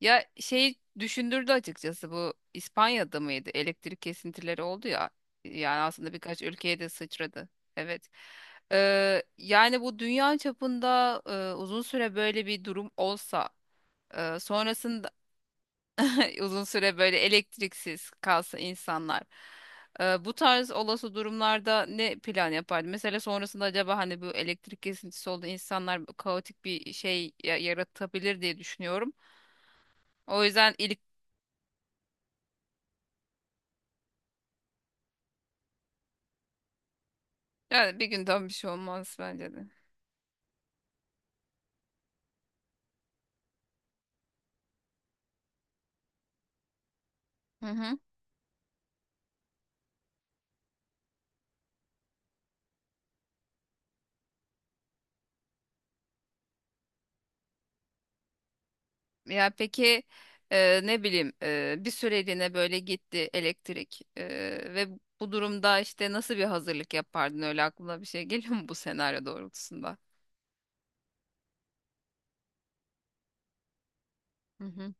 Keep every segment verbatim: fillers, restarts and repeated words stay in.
Ya şeyi düşündürdü açıkçası, bu İspanya'da mıydı? Elektrik kesintileri oldu ya. Yani aslında birkaç ülkeye de sıçradı. Evet. Ee, yani bu dünya çapında e, uzun süre böyle bir durum olsa, e, sonrasında uzun süre böyle elektriksiz kalsa insanlar. E, bu tarz olası durumlarda ne plan yapardı? Mesela sonrasında acaba hani bu elektrik kesintisi oldu, insanlar kaotik bir şey ya- yaratabilir diye düşünüyorum. O yüzden. Yani bir günden bir şey olmaz bence de. Hı hı. Ya peki, e, ne bileyim, e, bir süreliğine böyle gitti elektrik, e, ve bu durumda işte nasıl bir hazırlık yapardın, öyle aklına bir şey geliyor mu bu senaryo doğrultusunda? Hı hı.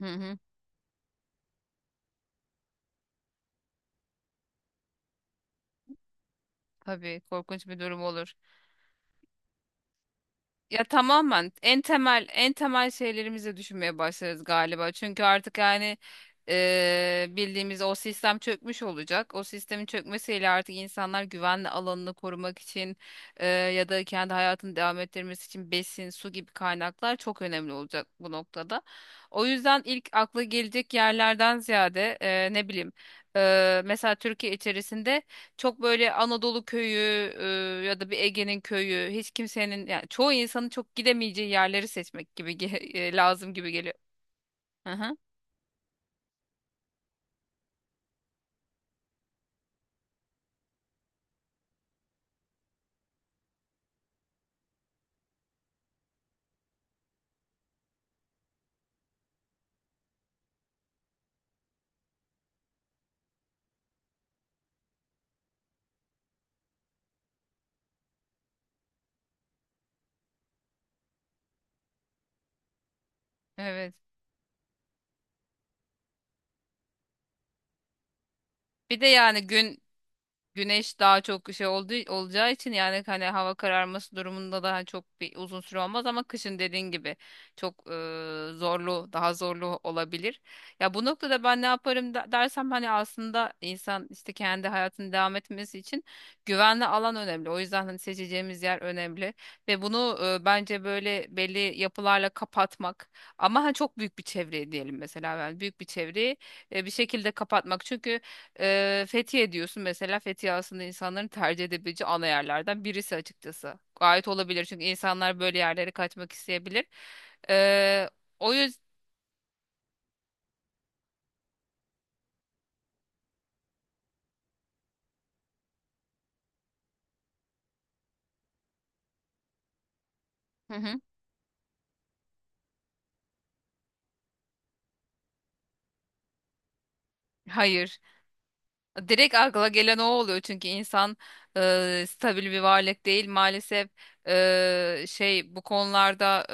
Hı hı. Tabii, korkunç bir durum olur. Ya tamamen en temel en temel şeylerimizi düşünmeye başlarız galiba. Çünkü artık yani eee, bildiğimiz o sistem çökmüş olacak. O sistemin çökmesiyle artık insanlar güvenli alanını korumak için, eee, ya da kendi hayatını devam ettirmesi için besin, su gibi kaynaklar çok önemli olacak bu noktada. O yüzden ilk akla gelecek yerlerden ziyade, eee, ne bileyim, eee, mesela Türkiye içerisinde çok böyle Anadolu köyü, e, ya da bir Ege'nin köyü, hiç kimsenin yani çoğu insanın çok gidemeyeceği yerleri seçmek gibi ge- e, lazım gibi geliyor. Hı hı, evet. Bir de yani gün güneş daha çok şey olduğu, olacağı için yani hani hava kararması durumunda daha çok bir uzun süre olmaz ama kışın dediğin gibi çok e, zorlu daha zorlu olabilir. Ya bu noktada ben ne yaparım da- dersem, hani aslında insan işte kendi hayatını devam etmesi için güvenli alan önemli. O yüzden hani seçeceğimiz yer önemli ve bunu e, bence böyle belli yapılarla kapatmak, ama ha çok büyük bir çevreyi diyelim mesela, yani büyük bir çevreyi e, bir şekilde kapatmak. Çünkü ee, Fethiye diyorsun mesela, Fethiye aslında insanların tercih edebileceği ana yerlerden birisi açıkçası. Gayet olabilir çünkü insanlar böyle yerlere kaçmak isteyebilir. Ee, o yüzden... Hayır. Direkt akla gelen o oluyor çünkü insan e, stabil bir varlık değil maalesef, e, şey bu konularda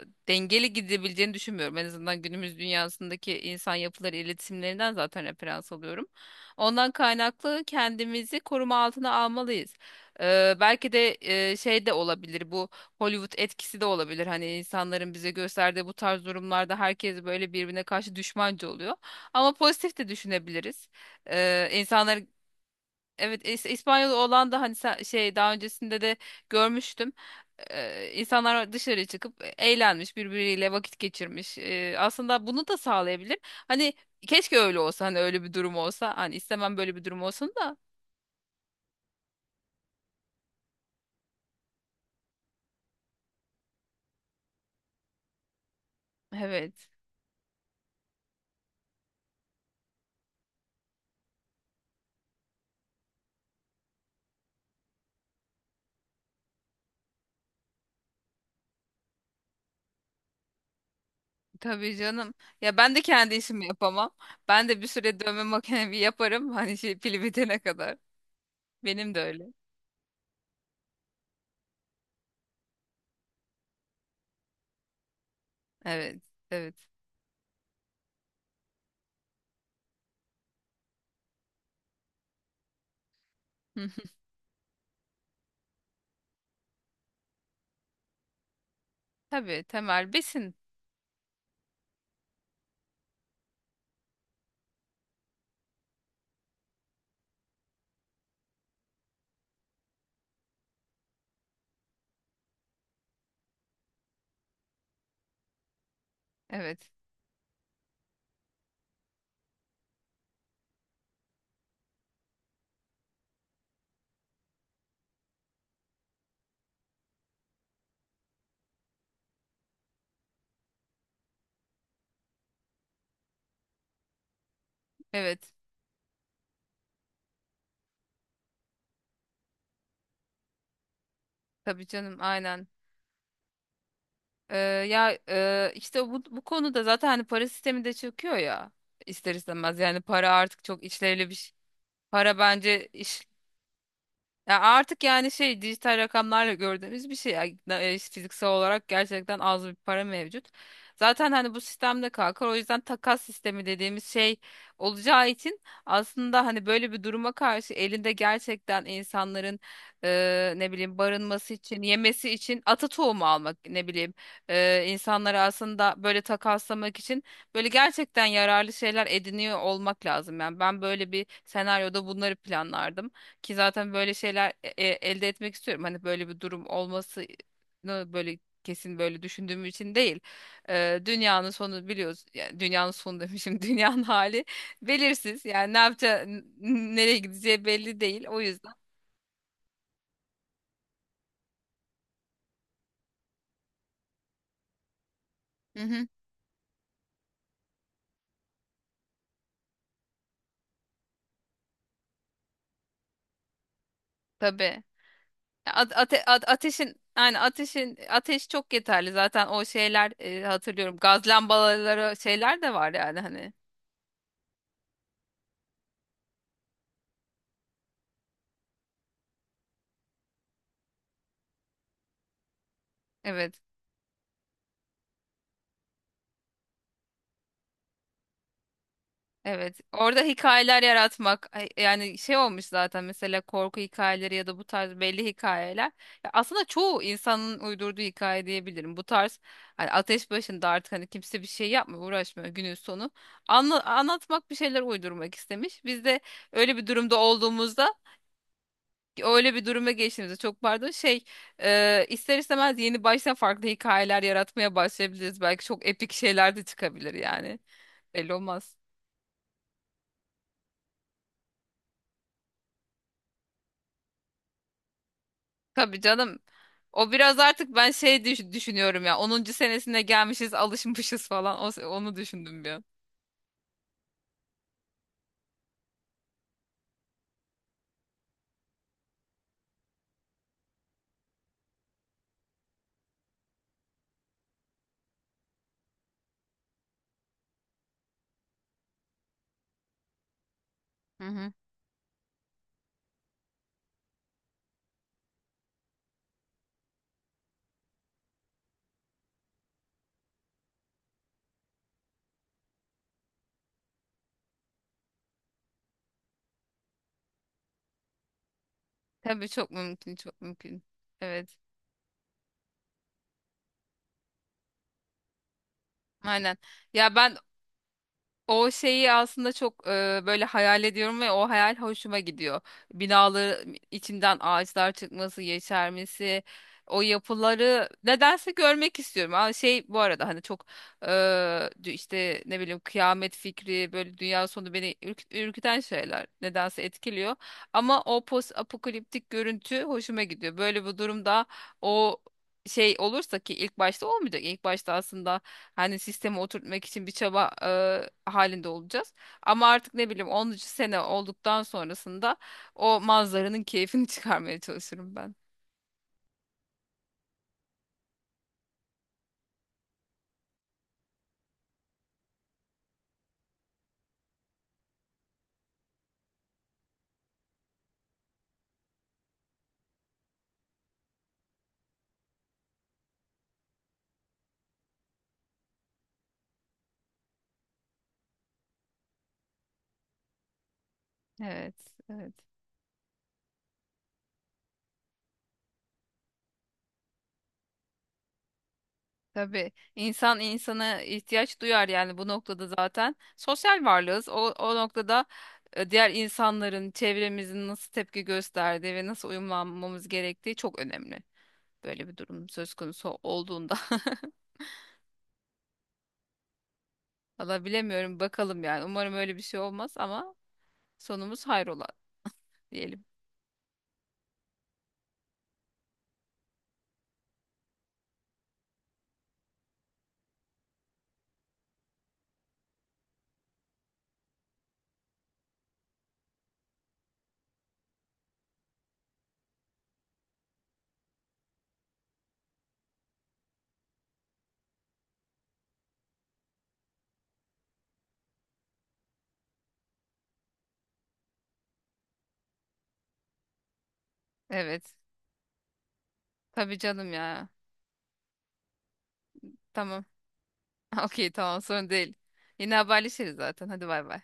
e, dengeli gidebileceğini düşünmüyorum, en azından günümüz dünyasındaki insan yapıları iletişimlerinden zaten referans alıyorum. Ondan kaynaklı kendimizi koruma altına almalıyız. E, belki de e, şey de olabilir bu, Hollywood etkisi de olabilir, hani insanların bize gösterdiği bu tarz durumlarda herkes böyle birbirine karşı düşmanca oluyor, ama pozitif de düşünebiliriz. Ee, insanlar evet İs- İspanyol olan da hani sen- şey daha öncesinde de görmüştüm. Ee, insanlar dışarı çıkıp eğlenmiş, birbiriyle vakit geçirmiş. Ee, aslında bunu da sağlayabilir. Hani keşke öyle olsa, hani öyle bir durum olsa. Hani istemem böyle bir durum olsun da. Evet. Tabii canım. Ya ben de kendi işimi yapamam. Ben de bir süre dövme makinemi yaparım. Hani şey, pili bitene kadar. Benim de öyle. Evet. Evet. Tabii, temel besin. Evet. Evet. Tabii canım, aynen. Ee, ya e, işte bu, bu konuda zaten hani para sistemi de çöküyor ya, ister istemez yani para artık çok işlevli bir şey. Para bence. Ya artık yani şey, dijital rakamlarla gördüğümüz bir şey. Yani, e, işte fiziksel olarak gerçekten az bir para mevcut. Zaten hani bu sistemde kalkar. O yüzden takas sistemi dediğimiz şey olacağı için, aslında hani böyle bir duruma karşı elinde gerçekten insanların e, ne bileyim, barınması için, yemesi için ata tohumu almak, ne bileyim, e, insanları aslında böyle takaslamak için böyle gerçekten yararlı şeyler ediniyor olmak lazım. Yani ben böyle bir senaryoda bunları planlardım. Ki zaten böyle şeyler e- e- elde etmek istiyorum. Hani böyle bir durum olmasını böyle kesin böyle düşündüğüm için değil. Ee, dünyanın sonu, biliyoruz. Yani dünyanın sonu demişim. Dünyanın hali belirsiz. Yani ne yapacağı, n- nereye gideceği belli değil. O yüzden. Hı hı. Tabii. Ya ate- a- ateşin yani ateşin, ateş çok yeterli. Zaten o şeyler, e, hatırlıyorum. Gaz lambaları, şeyler de var yani hani. Evet. Evet, orada hikayeler yaratmak ay- yani şey, olmuş zaten mesela, korku hikayeleri ya da bu tarz belli hikayeler. Ya aslında çoğu insanın uydurduğu hikaye diyebilirim. Bu tarz hani ateş başında artık, hani kimse bir şey yapmıyor, uğraşmıyor günün sonu. Anla- anlatmak, bir şeyler uydurmak istemiş. Biz de öyle bir durumda olduğumuzda, öyle bir duruma geçtiğimizde, çok pardon şey, e, ister istemez yeni baştan farklı hikayeler yaratmaya başlayabiliriz. Belki çok epik şeyler de çıkabilir yani. Belli olmaz. Tabii canım. O biraz artık ben şey düş- düşünüyorum ya, onuncu senesine gelmişiz, alışmışız falan. O, onu düşündüm bir an. Hı hı. Tabii çok mümkün, çok mümkün. Evet. Aynen. Ya ben, o şeyi aslında çok e, böyle hayal ediyorum ve o hayal hoşuma gidiyor. Binaların içinden ağaçlar çıkması, yeşermesi, o yapıları nedense görmek istiyorum. Ama şey, bu arada hani çok e, dü- işte ne bileyim kıyamet fikri, böyle dünya sonu beni ürk- ürküten şeyler nedense etkiliyor. Ama o post apokaliptik görüntü hoşuma gidiyor. Böyle bu durumda o şey olursa, ki ilk başta olmayacak. İlk başta aslında hani sistemi oturtmak için bir çaba e, halinde olacağız. Ama artık ne bileyim onuncu sene olduktan sonrasında o manzaranın keyfini çıkarmaya çalışırım ben. Evet, evet. Tabii insan insana ihtiyaç duyar yani, bu noktada zaten sosyal varlığız. O, o noktada e, diğer insanların, çevremizin nasıl tepki gösterdiği ve nasıl uyumlanmamız gerektiği çok önemli. Böyle bir durum söz konusu olduğunda. Valla bilemiyorum, bakalım yani. Umarım öyle bir şey olmaz ama sonumuz hayrola diyelim. Evet. Tabii canım ya. Tamam. Okey, tamam, sorun değil. Yine haberleşiriz zaten. Hadi bay bay.